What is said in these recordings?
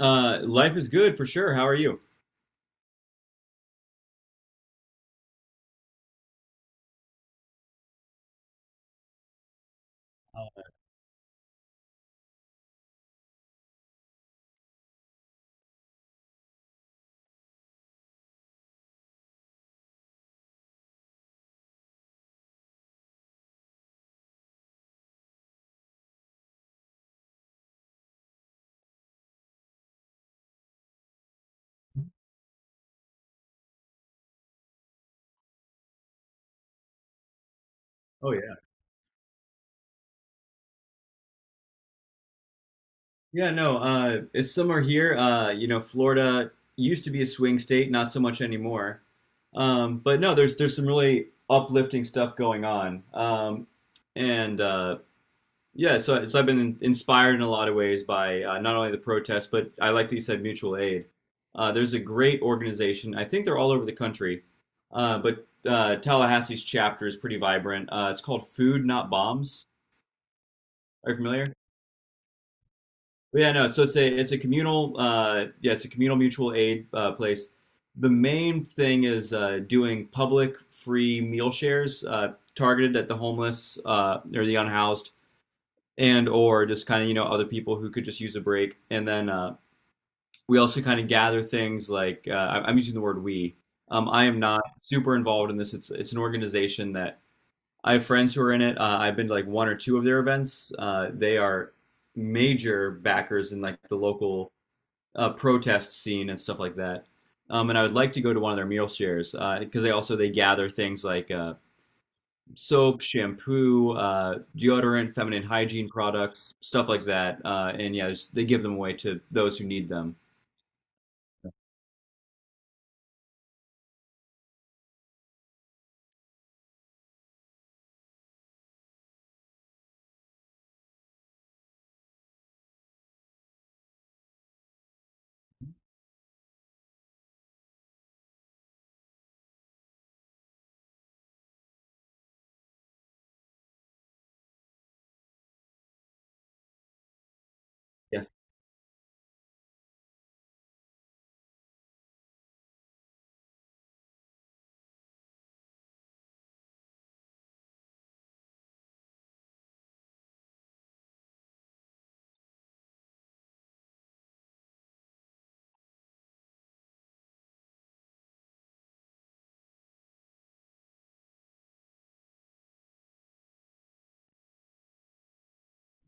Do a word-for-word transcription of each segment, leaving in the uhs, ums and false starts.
Uh, life is good for sure. How are you? Oh yeah. Yeah, no, uh, it's summer here. Uh, you know, Florida used to be a swing state, not so much anymore. Um, but no, there's there's some really uplifting stuff going on. Um, and uh, Yeah, so so I've been in- inspired in a lot of ways by uh, not only the protests, but I like that you said mutual aid. Uh, there's a great organization. I think they're all over the country, uh, but uh, Tallahassee's chapter is pretty vibrant. Uh, it's called Food Not Bombs. Are you familiar? Yeah, no. So it's a it's a communal uh yeah, it's a communal mutual aid uh, place. The main thing is uh, doing public free meal shares uh, targeted at the homeless uh, or the unhoused and or just kind of you know other people who could just use a break. And then uh, we also kind of gather things like uh, I- I'm using the word we. Um, I am not super involved in this. It's it's an organization that I have friends who are in it. Uh, I've been to like one or two of their events. Uh, they are major backers in like the local uh, protest scene and stuff like that. Um, and I would like to go to one of their meal shares because uh, they also they gather things like uh, soap, shampoo, uh, deodorant, feminine hygiene products, stuff like that. Uh, and yeah, just- they give them away to those who need them. Yeah,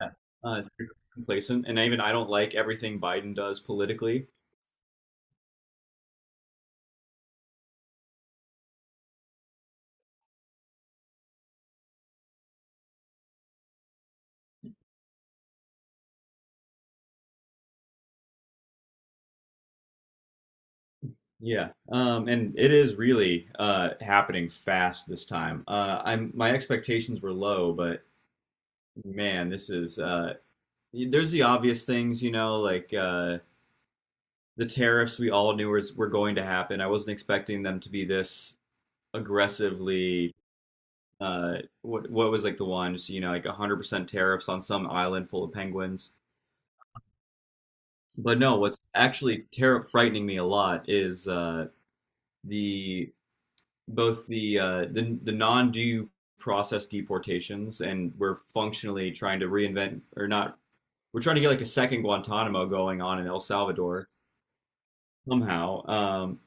yeah. uh, it's pretty complacent. And even I don't like everything Biden does politically. Yeah, um, and it is really uh, happening fast this time. Uh, I'm my expectations were low, but man, this is uh, There's the obvious things, you know, like uh, the tariffs we all knew was, were going to happen. I wasn't expecting them to be this aggressively. Uh, what what was like the ones, you know, like one hundred percent tariffs on some island full of penguins. But no, what's actually tariff frightening me a lot is uh, the both the uh, the the non-due process deportations, and we're functionally trying to reinvent or not. We're trying to get like a second Guantanamo going on in El Salvador somehow. Um,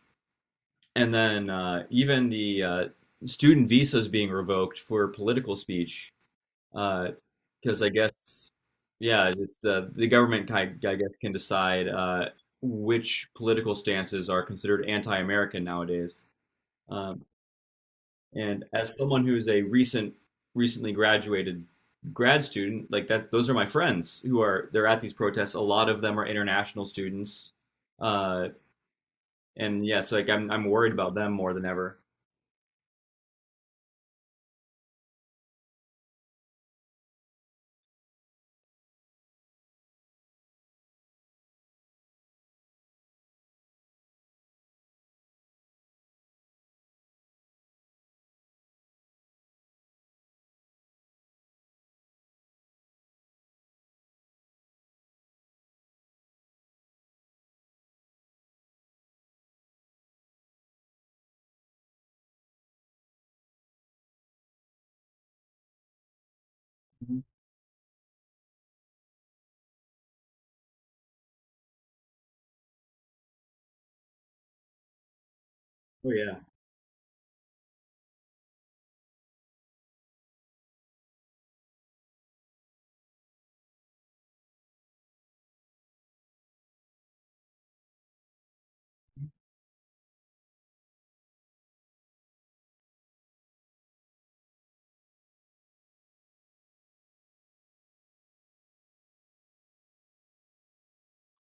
And then uh, Even the uh, student visas being revoked for political speech, because I guess, yeah, it's uh, the government kind, I guess, can decide uh, which political stances are considered anti-American nowadays. Um, and as someone who is a recent, recently graduated grad student, like that, those are my friends who are they're at these protests. A lot of them are international students, uh, and yeah, so like I'm I'm worried about them more than ever. Mhm. Oh yeah.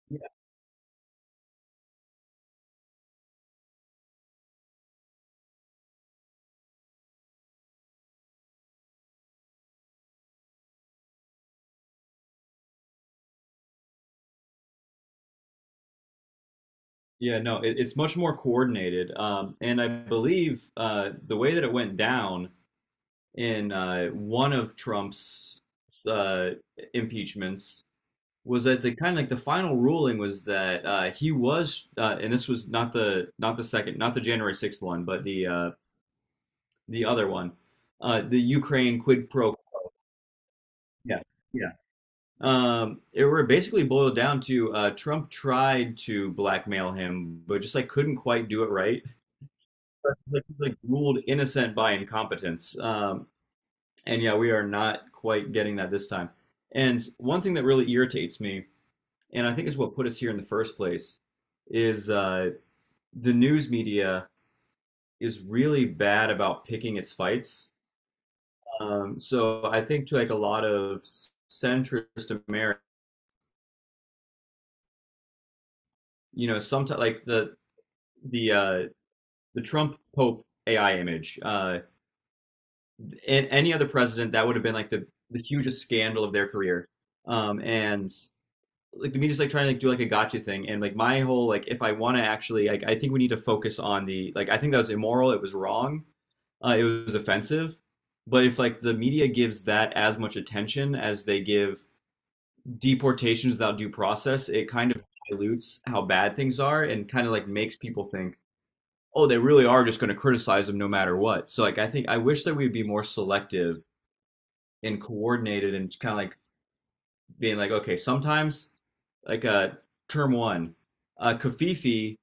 Yeah, yeah, no, it, it's much more coordinated. Um, and I believe uh, the way that it went down in uh, one of Trump's uh, impeachments was that the kind of like the final ruling was that uh, he was, uh, and this was not the not the second, not the January sixth one, but the uh, the other one, uh, the Ukraine quid pro. Yeah, yeah. Um, it were basically boiled down to uh, Trump tried to blackmail him, but just like couldn't quite do it right. like, like ruled innocent by incompetence. Um, and yeah, we are not quite getting that this time. And one thing that really irritates me, and I think is what put us here in the first place, is uh, the news media is really bad about picking its fights. Um, so I think to like a lot of centrist America, you know, sometimes like the the uh, the Trump Pope A I image. Uh, in any other president, that would have been like the, the hugest scandal of their career. Um, and like the media's like trying to like, do like a gotcha thing. And like my whole like, if I want to actually, like, I think we need to focus on the like. I think that was immoral. It was wrong. Uh, it was offensive. But if like the media gives that as much attention as they give deportations without due process, it kind of dilutes how bad things are and kind of like makes people think, oh, they really are just going to criticize them no matter what. So like I think I wish that we'd be more selective and coordinated and kind of like being like, okay, sometimes like uh term one, uh Kafifi,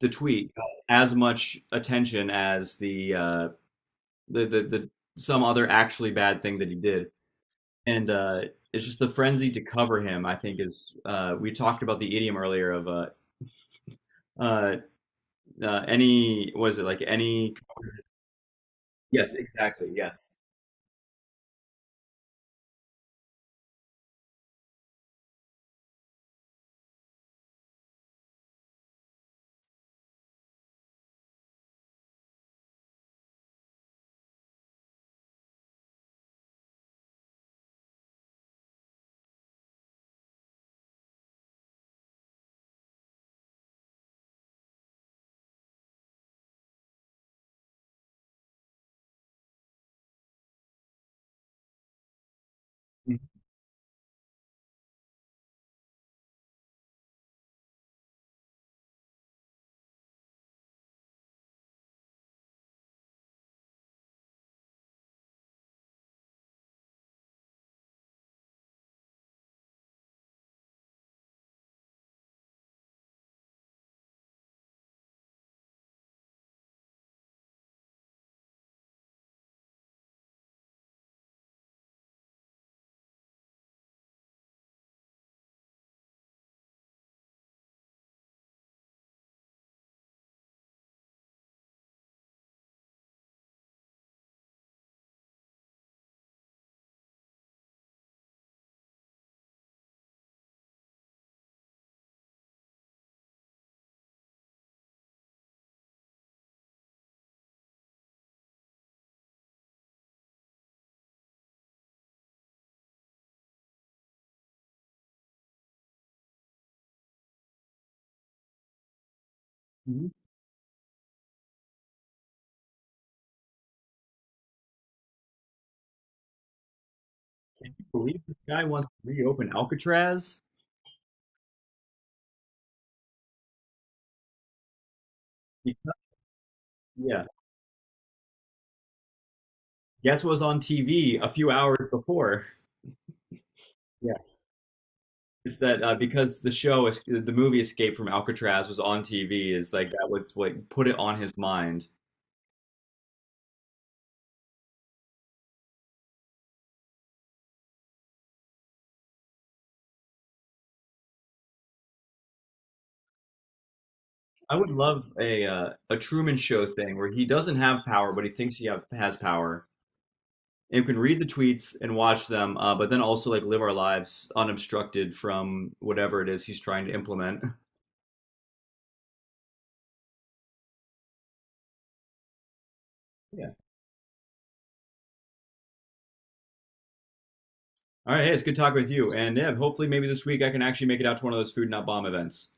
the tweet got as much attention as the uh the the, the some other actually bad thing that he did. And uh it's just the frenzy to cover him, I think is uh we talked about the idiom earlier of uh uh, uh any was it like any yes exactly yes. Mhm. Can you believe this guy wants to reopen alcatraz because, yeah guess what was on T V a few hours before? Yeah. It's that uh, because the show, the movie Escape from Alcatraz was on T V, is like that was what put it on his mind. I would love a uh, a Truman Show thing where he doesn't have power, but he thinks he have, has power, and can read the tweets and watch them, uh, but then also like live our lives unobstructed from whatever it is he's trying to implement. Yeah. All right. Hey, it's good talking with you, and yeah, hopefully maybe this week I can actually make it out to one of those Food Not Bomb events.